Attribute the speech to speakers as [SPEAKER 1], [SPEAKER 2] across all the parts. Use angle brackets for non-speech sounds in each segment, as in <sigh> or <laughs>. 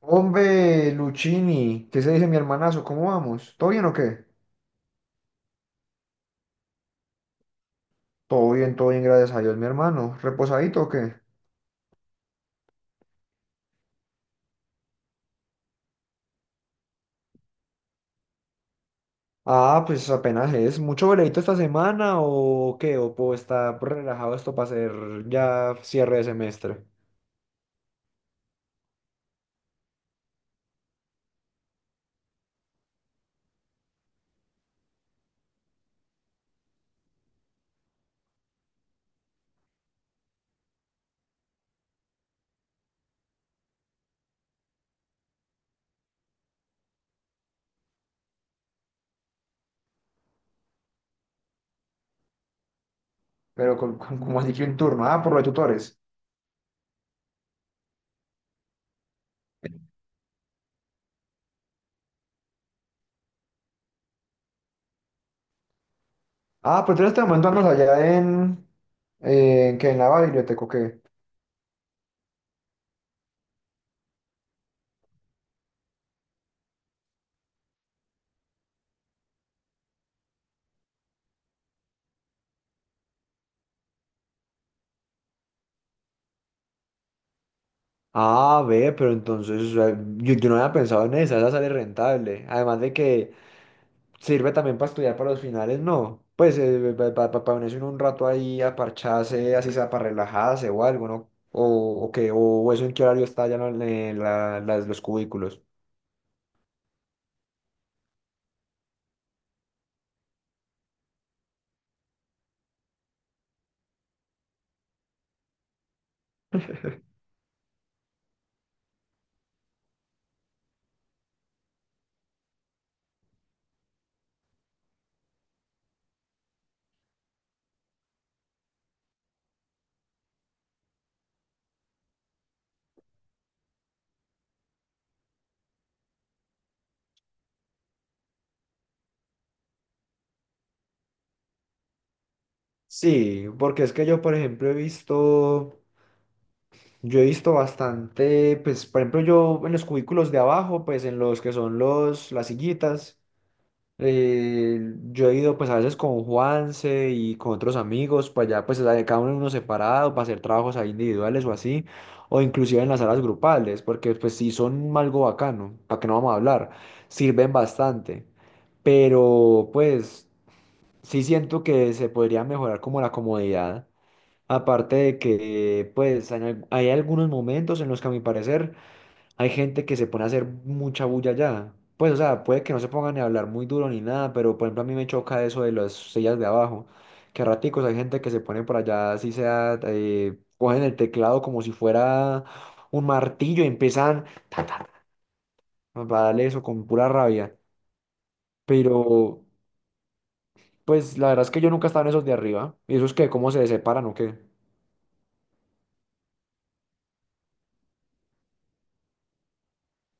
[SPEAKER 1] Hombre, Luchini, ¿qué se dice mi hermanazo? ¿Cómo vamos? ¿Todo bien o qué? Todo bien, gracias a Dios, mi hermano. ¿Reposadito o qué? Ah, pues apenas es. ¿Mucho veredito esta semana o qué? ¿O puedo estar relajado esto para hacer ya cierre de semestre? Pero <laughs> con, como así que un turno. Ah, por los tutores. Ah, pero tú en este momento andas allá en... ¿En qué? ¿En la biblioteca o qué? Ah, ve, pero entonces o sea, yo no había pensado en esa sale rentable. Además de que sirve también para estudiar para los finales, no. Pues para ponerse uno un rato ahí a parcharse, así sea para relajarse o algo, ¿no? O eso ¿en qué horario está ya?, ¿no?, en los cubículos. Sí, porque es que yo, por ejemplo, he visto, yo he visto bastante, pues, por ejemplo, yo en los cubículos de abajo, pues en los que son las sillitas. Yo he ido pues a veces con Juanse y con otros amigos, pues cada uno en uno separado para hacer trabajos ahí individuales o así, o inclusive en las salas grupales, porque pues sí son algo bacano, para que no vamos a hablar, sirven bastante, pero pues sí siento que se podría mejorar como la comodidad, aparte de que pues hay algunos momentos en los que a mi parecer hay gente que se pone a hacer mucha bulla allá. Pues, o sea, puede que no se pongan ni a hablar muy duro ni nada, pero por ejemplo a mí me choca eso de las sillas de abajo, que a raticos hay gente que se pone por allá, así sea, cogen el teclado como si fuera un martillo y empiezan ta, ta, ta, a darle eso con pura rabia. Pero, pues, la verdad es que yo nunca he estado en esos de arriba. ¿Y esos que cómo se separan o qué?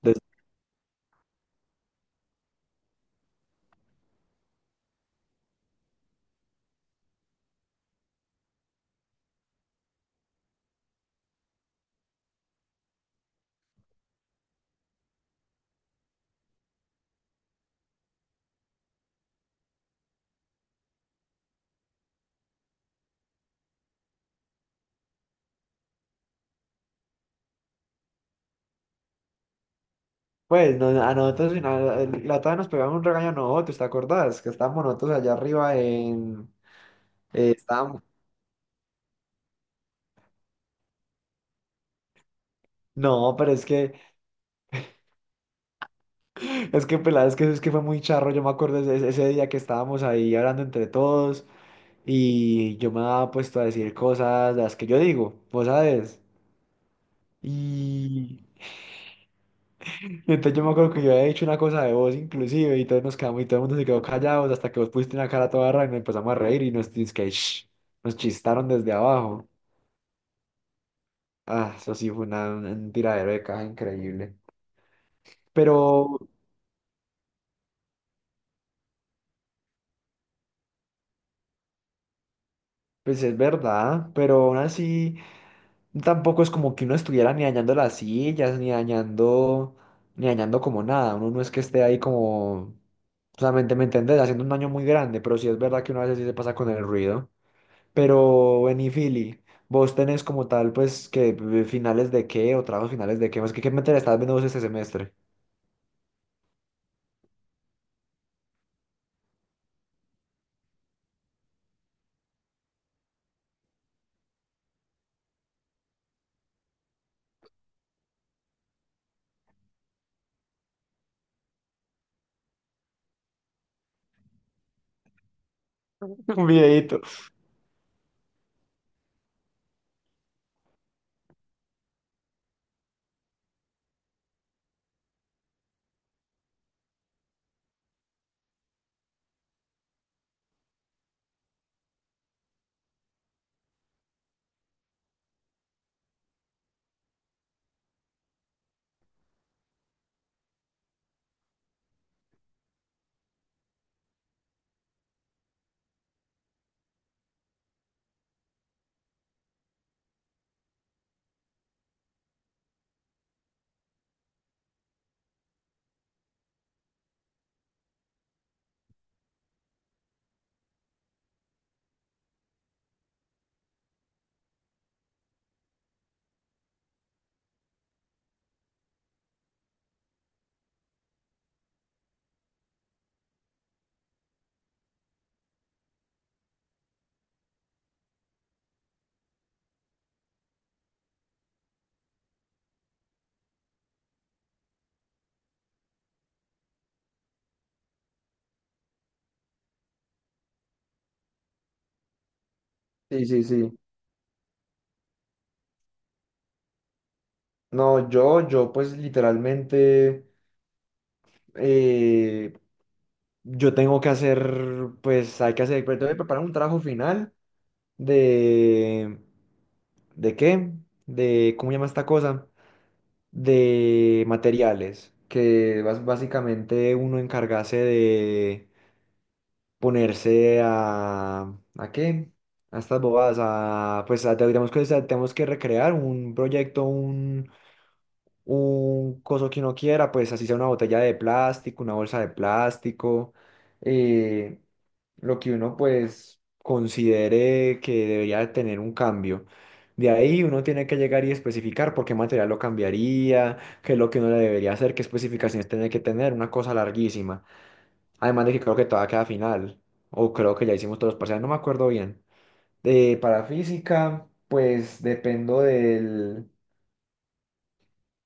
[SPEAKER 1] Des- Pues, no, a nosotros, en la otra nos pegaban un regaño a nosotros, ¿te acordás? Que estábamos nosotros allá arriba en... Eh, estábamos- No, pero es que, pelada, es que fue muy charro. Yo me acuerdo ese día que estábamos ahí hablando entre todos y yo me había puesto a decir cosas, las que yo digo, vos sabes. Y, y entonces yo me acuerdo que yo había dicho una cosa de vos inclusive y todos nos quedamos y todo el mundo se quedó callados hasta que vos pusiste una cara toda rara y nos empezamos a reír y nos dice que "Shh", nos chistaron desde abajo. Ah, eso sí fue una, un tiradero de caja increíble. Pero, pues es verdad, pero aún así. Tampoco es como que uno estuviera ni dañando las sillas, ni dañando como nada. Uno no es que esté ahí como, solamente me entendés, haciendo un daño muy grande, pero sí es verdad que uno a veces sí se pasa con el ruido. Pero, Benny Philly, vos tenés como tal, pues, que finales de qué o trabajos finales de qué, más que qué materia estás viendo vos este semestre. <laughs> Un videíto. Sí, sí, sí. No, yo, pues, literalmente, eh, yo tengo que hacer, pues, hay que hacer, pero tengo que preparar un trabajo final de... ¿De qué? De, ¿cómo llama esta cosa? De materiales, que básicamente uno encargase de ponerse a... ¿A qué? A estas bobadas, a, pues digamos que o sea, tenemos que recrear un proyecto, un coso que uno quiera, pues así sea una botella de plástico, una bolsa de plástico, eh, lo que uno pues considere que debería tener un cambio. De ahí uno tiene que llegar y especificar por qué material lo cambiaría, qué es lo que uno le debería hacer, qué especificaciones tiene que tener, una cosa larguísima. Además de que creo que todavía queda final, o creo que ya hicimos todos los parciales, no me acuerdo bien. Para física, pues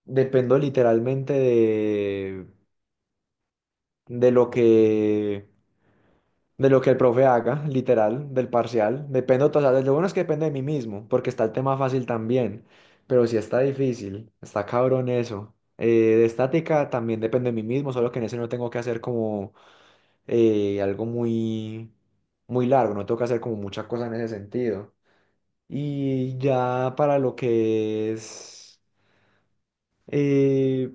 [SPEAKER 1] dependo literalmente de de lo que el profe haga, literal, del parcial. Dependo, o sea, lo bueno es que depende de mí mismo, porque está el tema fácil también, pero si está difícil, está cabrón eso. De estática también depende de mí mismo, solo que en ese no tengo que hacer como algo muy largo, no tengo que hacer como mucha cosa en ese sentido. Y ya para lo que es... eh,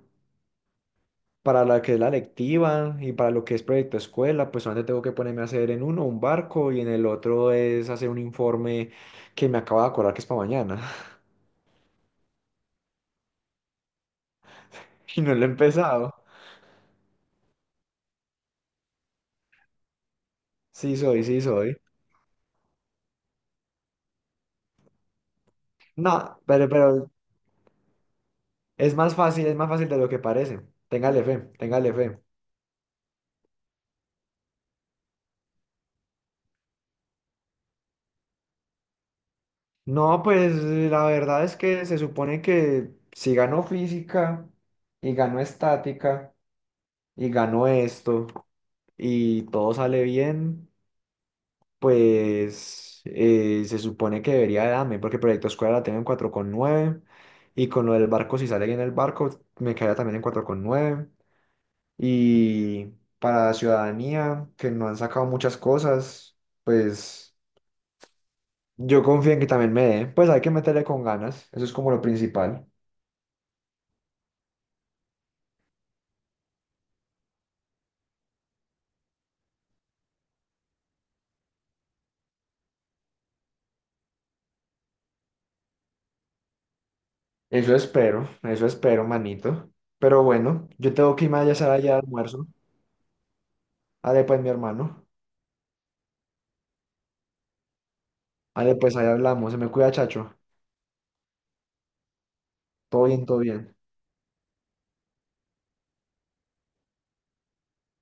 [SPEAKER 1] para la que es la lectiva y para lo que es proyecto escuela, pues solamente tengo que ponerme a hacer en uno un barco y en el otro es hacer un informe que me acabo de acordar que es para mañana. <laughs> Y no lo he empezado. Sí soy, sí soy. No, pero es más fácil de lo que parece. Téngale fe, téngale fe. No, pues la verdad es que se supone que si gano física y gano estática y gano esto y todo sale bien, pues se supone que debería darme, porque Proyecto Escuela la tengo en 4,9 y con lo del barco, si sale bien el barco, me quedaría también en 4,9. Y para Ciudadanía, que no han sacado muchas cosas, pues yo confío en que también me dé, pues hay que meterle con ganas, eso es como lo principal. Eso espero, manito. Pero bueno, yo tengo que irme a hacer allá almuerzo. Ale pues, mi hermano. Ale pues, ahí hablamos. Se me cuida, chacho. Todo bien, todo bien.